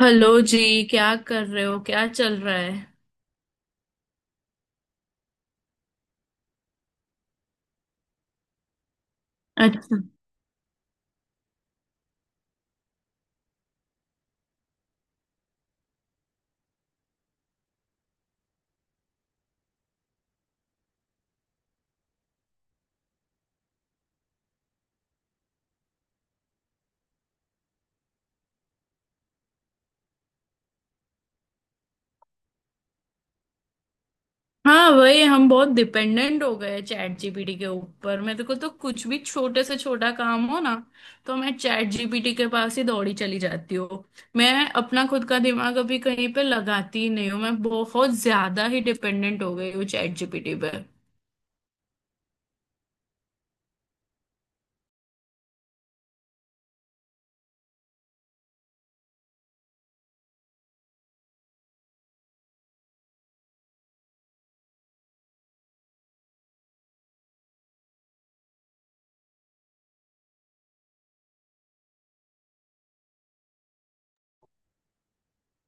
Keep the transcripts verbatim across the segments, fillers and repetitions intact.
Hello ji. क्या कर रहे हो, क्या चल रहा है? अच्छा। हाँ, वही हम बहुत डिपेंडेंट हो गए चैट जीपीटी के ऊपर। मेरे को तो कुछ भी छोटे से छोटा काम हो ना, तो मैं चैट जीपीटी के पास ही दौड़ी चली जाती हूँ। मैं अपना खुद का दिमाग अभी कहीं पे लगाती ही नहीं हूँ। मैं बहुत ज्यादा ही डिपेंडेंट हो गई हूँ चैट जीपीटी पे।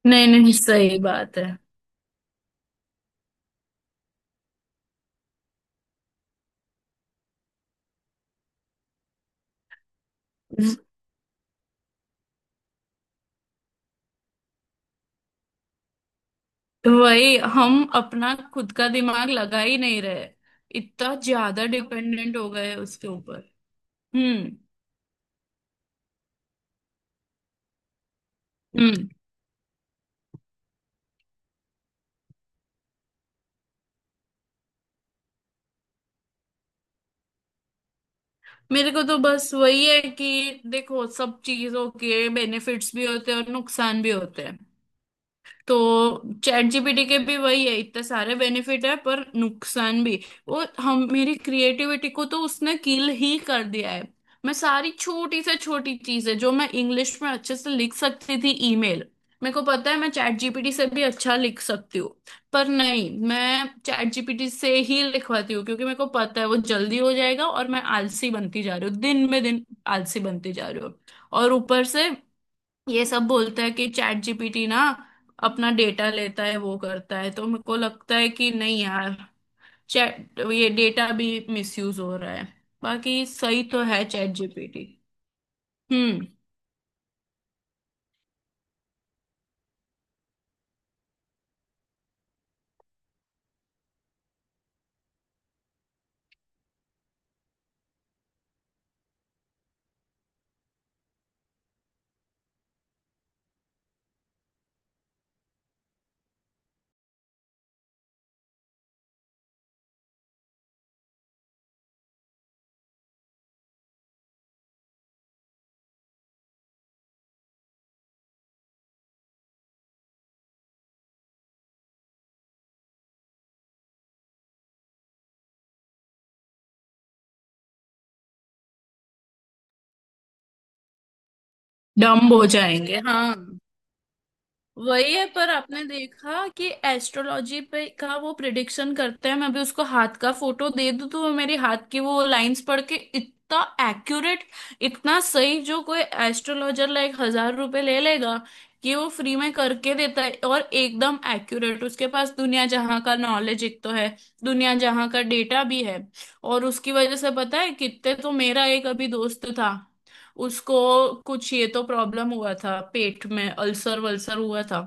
नहीं नहीं, सही बात है। वही, हम अपना खुद का दिमाग लगा ही नहीं रहे। इतना ज्यादा डिपेंडेंट हो गए उसके ऊपर। हम्म। हम्म। मेरे को तो बस वही है कि देखो, सब चीजों के बेनिफिट्स भी होते हैं और नुकसान भी होते हैं। तो चैट जीपीटी के भी वही है, इतने सारे बेनिफिट है पर नुकसान भी। वो हम मेरी क्रिएटिविटी को तो उसने किल ही कर दिया है। मैं सारी छोटी से छोटी चीजें जो मैं इंग्लिश में अच्छे से लिख सकती थी, ईमेल। मेरे को पता है मैं चैट जीपीटी से भी अच्छा लिख सकती हूँ। पर नहीं, मैं चैट जीपीटी से ही लिखवाती हूँ क्योंकि मेरे को पता है वो जल्दी हो जाएगा और मैं आलसी बनती जा रही हूँ दिन में दिन। आलसी बनती जा रही हूँ। और ऊपर से ये सब बोलता है कि चैट जीपीटी ना अपना डेटा लेता है, वो करता है। तो मेरे को लगता है कि नहीं यार, चैट ये डेटा भी मिसयूज हो रहा है। बाकी सही तो है चैट जीपीटी। हम्म। डम्ब हो जाएंगे, हाँ। वही है। पर आपने देखा कि एस्ट्रोलॉजी पे का वो प्रिडिक्शन करते हैं, मैं भी उसको हाथ का फोटो दे दूं तो वो मेरी हाथ की वो लाइंस पढ़ के इतना एक्यूरेट, इतना सही, जो कोई एस्ट्रोलॉजर लाइक हजार रुपए ले लेगा कि वो फ्री में करके देता है और एकदम एक्यूरेट। उसके पास दुनिया जहां का नॉलेज एक तो है, दुनिया जहां का डेटा भी है। और उसकी वजह से पता है कितने। तो मेरा एक अभी दोस्त था, उसको कुछ ये तो प्रॉब्लम हुआ था पेट में, अल्सर वल्सर हुआ था।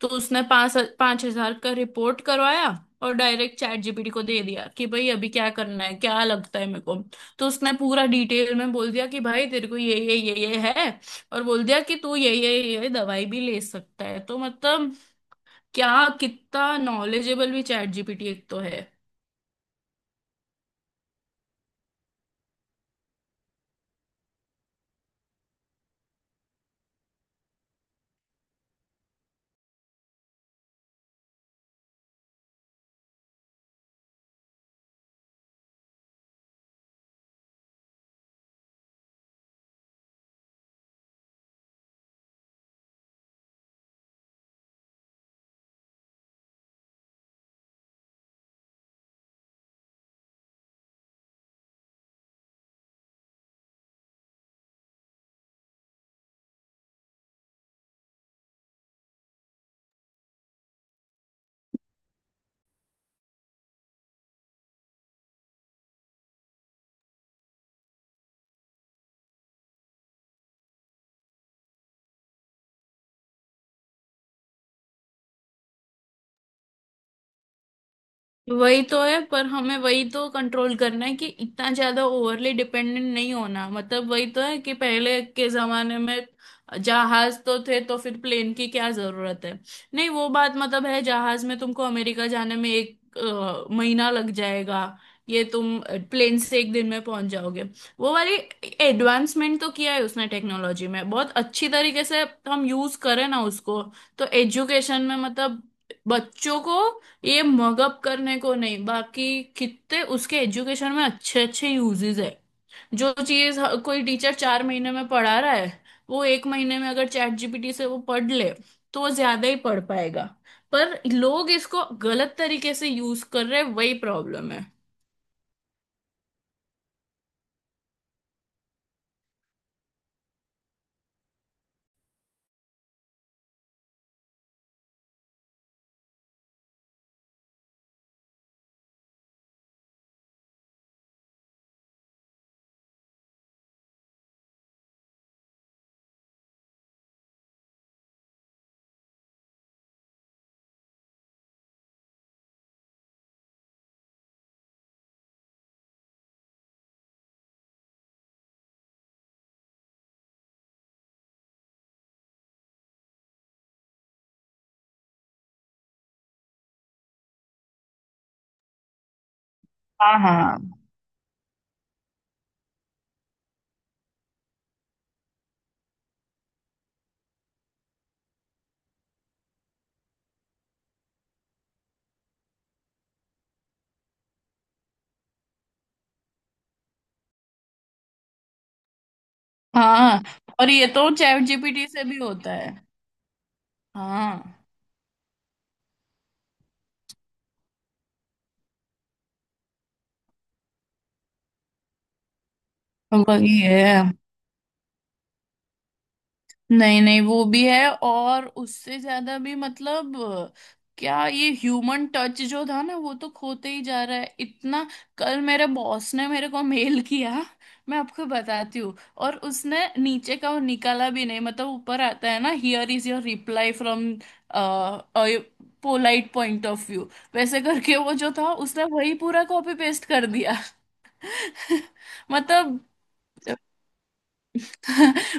तो उसने पाँच पाँच हजार का रिपोर्ट करवाया और डायरेक्ट चैट जीपीटी को दे दिया कि भाई अभी क्या करना है, क्या लगता है मेरे को। तो उसने पूरा डिटेल में बोल दिया कि भाई तेरे को ये ये ये ये है। और बोल दिया कि तू ये ये ये ये दवाई भी ले सकता है। तो मतलब क्या, कितना नॉलेजेबल भी चैट जीपीटी एक तो है। वही तो है पर हमें वही तो कंट्रोल करना है कि इतना ज्यादा ओवरली डिपेंडेंट नहीं होना। मतलब वही तो है कि पहले के जमाने में जहाज तो थे तो फिर प्लेन की क्या जरूरत है। नहीं वो बात मतलब है, जहाज में तुमको अमेरिका जाने में एक अ, महीना लग जाएगा। ये तुम प्लेन से एक दिन में पहुंच जाओगे। वो वाली एडवांसमेंट तो किया है उसने टेक्नोलॉजी में बहुत अच्छी तरीके से। हम यूज करें ना उसको। तो एजुकेशन में मतलब बच्चों को ये मगअप करने को नहीं। बाकी कितने उसके एजुकेशन में अच्छे अच्छे यूजेस है। जो चीज कोई टीचर चार महीने में पढ़ा रहा है, वो एक महीने में अगर चैट जीपीटी से वो पढ़ ले तो वो ज्यादा ही पढ़ पाएगा। पर लोग इसको गलत तरीके से यूज कर रहे हैं, वही प्रॉब्लम है। हाँ हाँ हाँ। और ये तो चैट जीपीटी से भी होता है। हाँ। वही है। नहीं नहीं, वो भी है और उससे ज्यादा भी। मतलब क्या, ये ह्यूमन टच जो था ना, वो तो खोते ही जा रहा है इतना। कल मेरे बॉस ने मेरे को मेल किया। मैं आपको बताती हूँ। और उसने नीचे का वो निकाला भी नहीं। मतलब ऊपर आता है ना, here is your reply from polite point of view, वैसे करके वो जो था उसने वही पूरा कॉपी पेस्ट कर दिया। मतलब।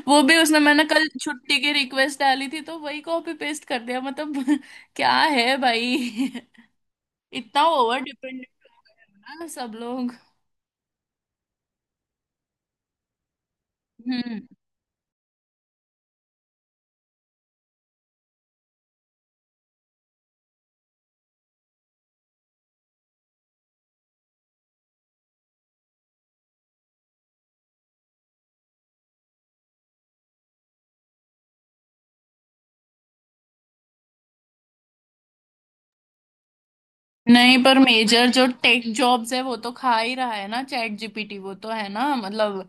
वो भी उसने, मैंने कल छुट्टी की रिक्वेस्ट डाली थी तो वही कॉपी पेस्ट कर दिया, मतलब क्या है भाई। इतना ओवर डिपेंडेंट ना सब लोग। हम्म। नहीं पर मेजर जो टेक जॉब्स है वो तो खा ही रहा है ना चैट जीपीटी, वो तो है ना, मतलब।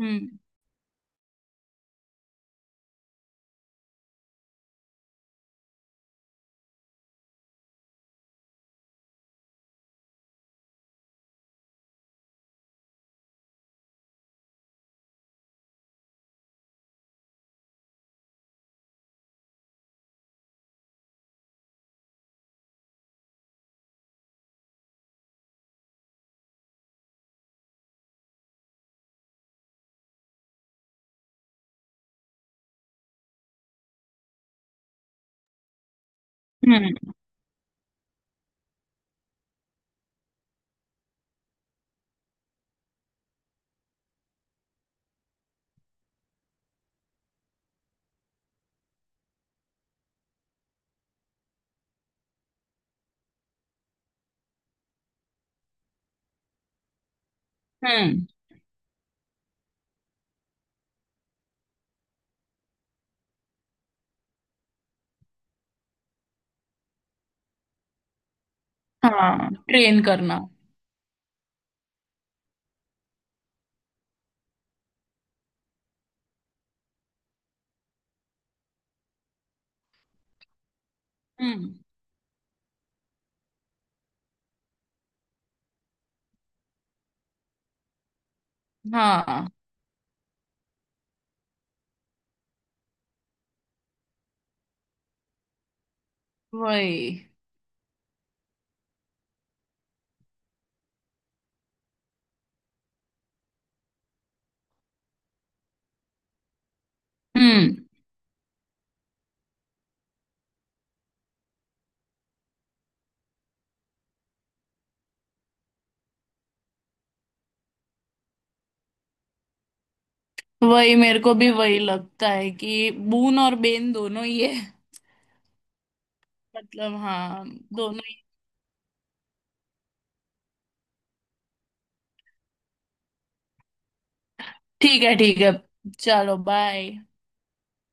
हम्म। हम्म। हम्म। हाँ, ट्रेन करना। हम्म। हाँ, वही। हम्म। वही, मेरे को भी वही लगता है कि बून और बेन दोनों ही है। मतलब हाँ। दोनों। ठीक है ठीक है, चलो बाय।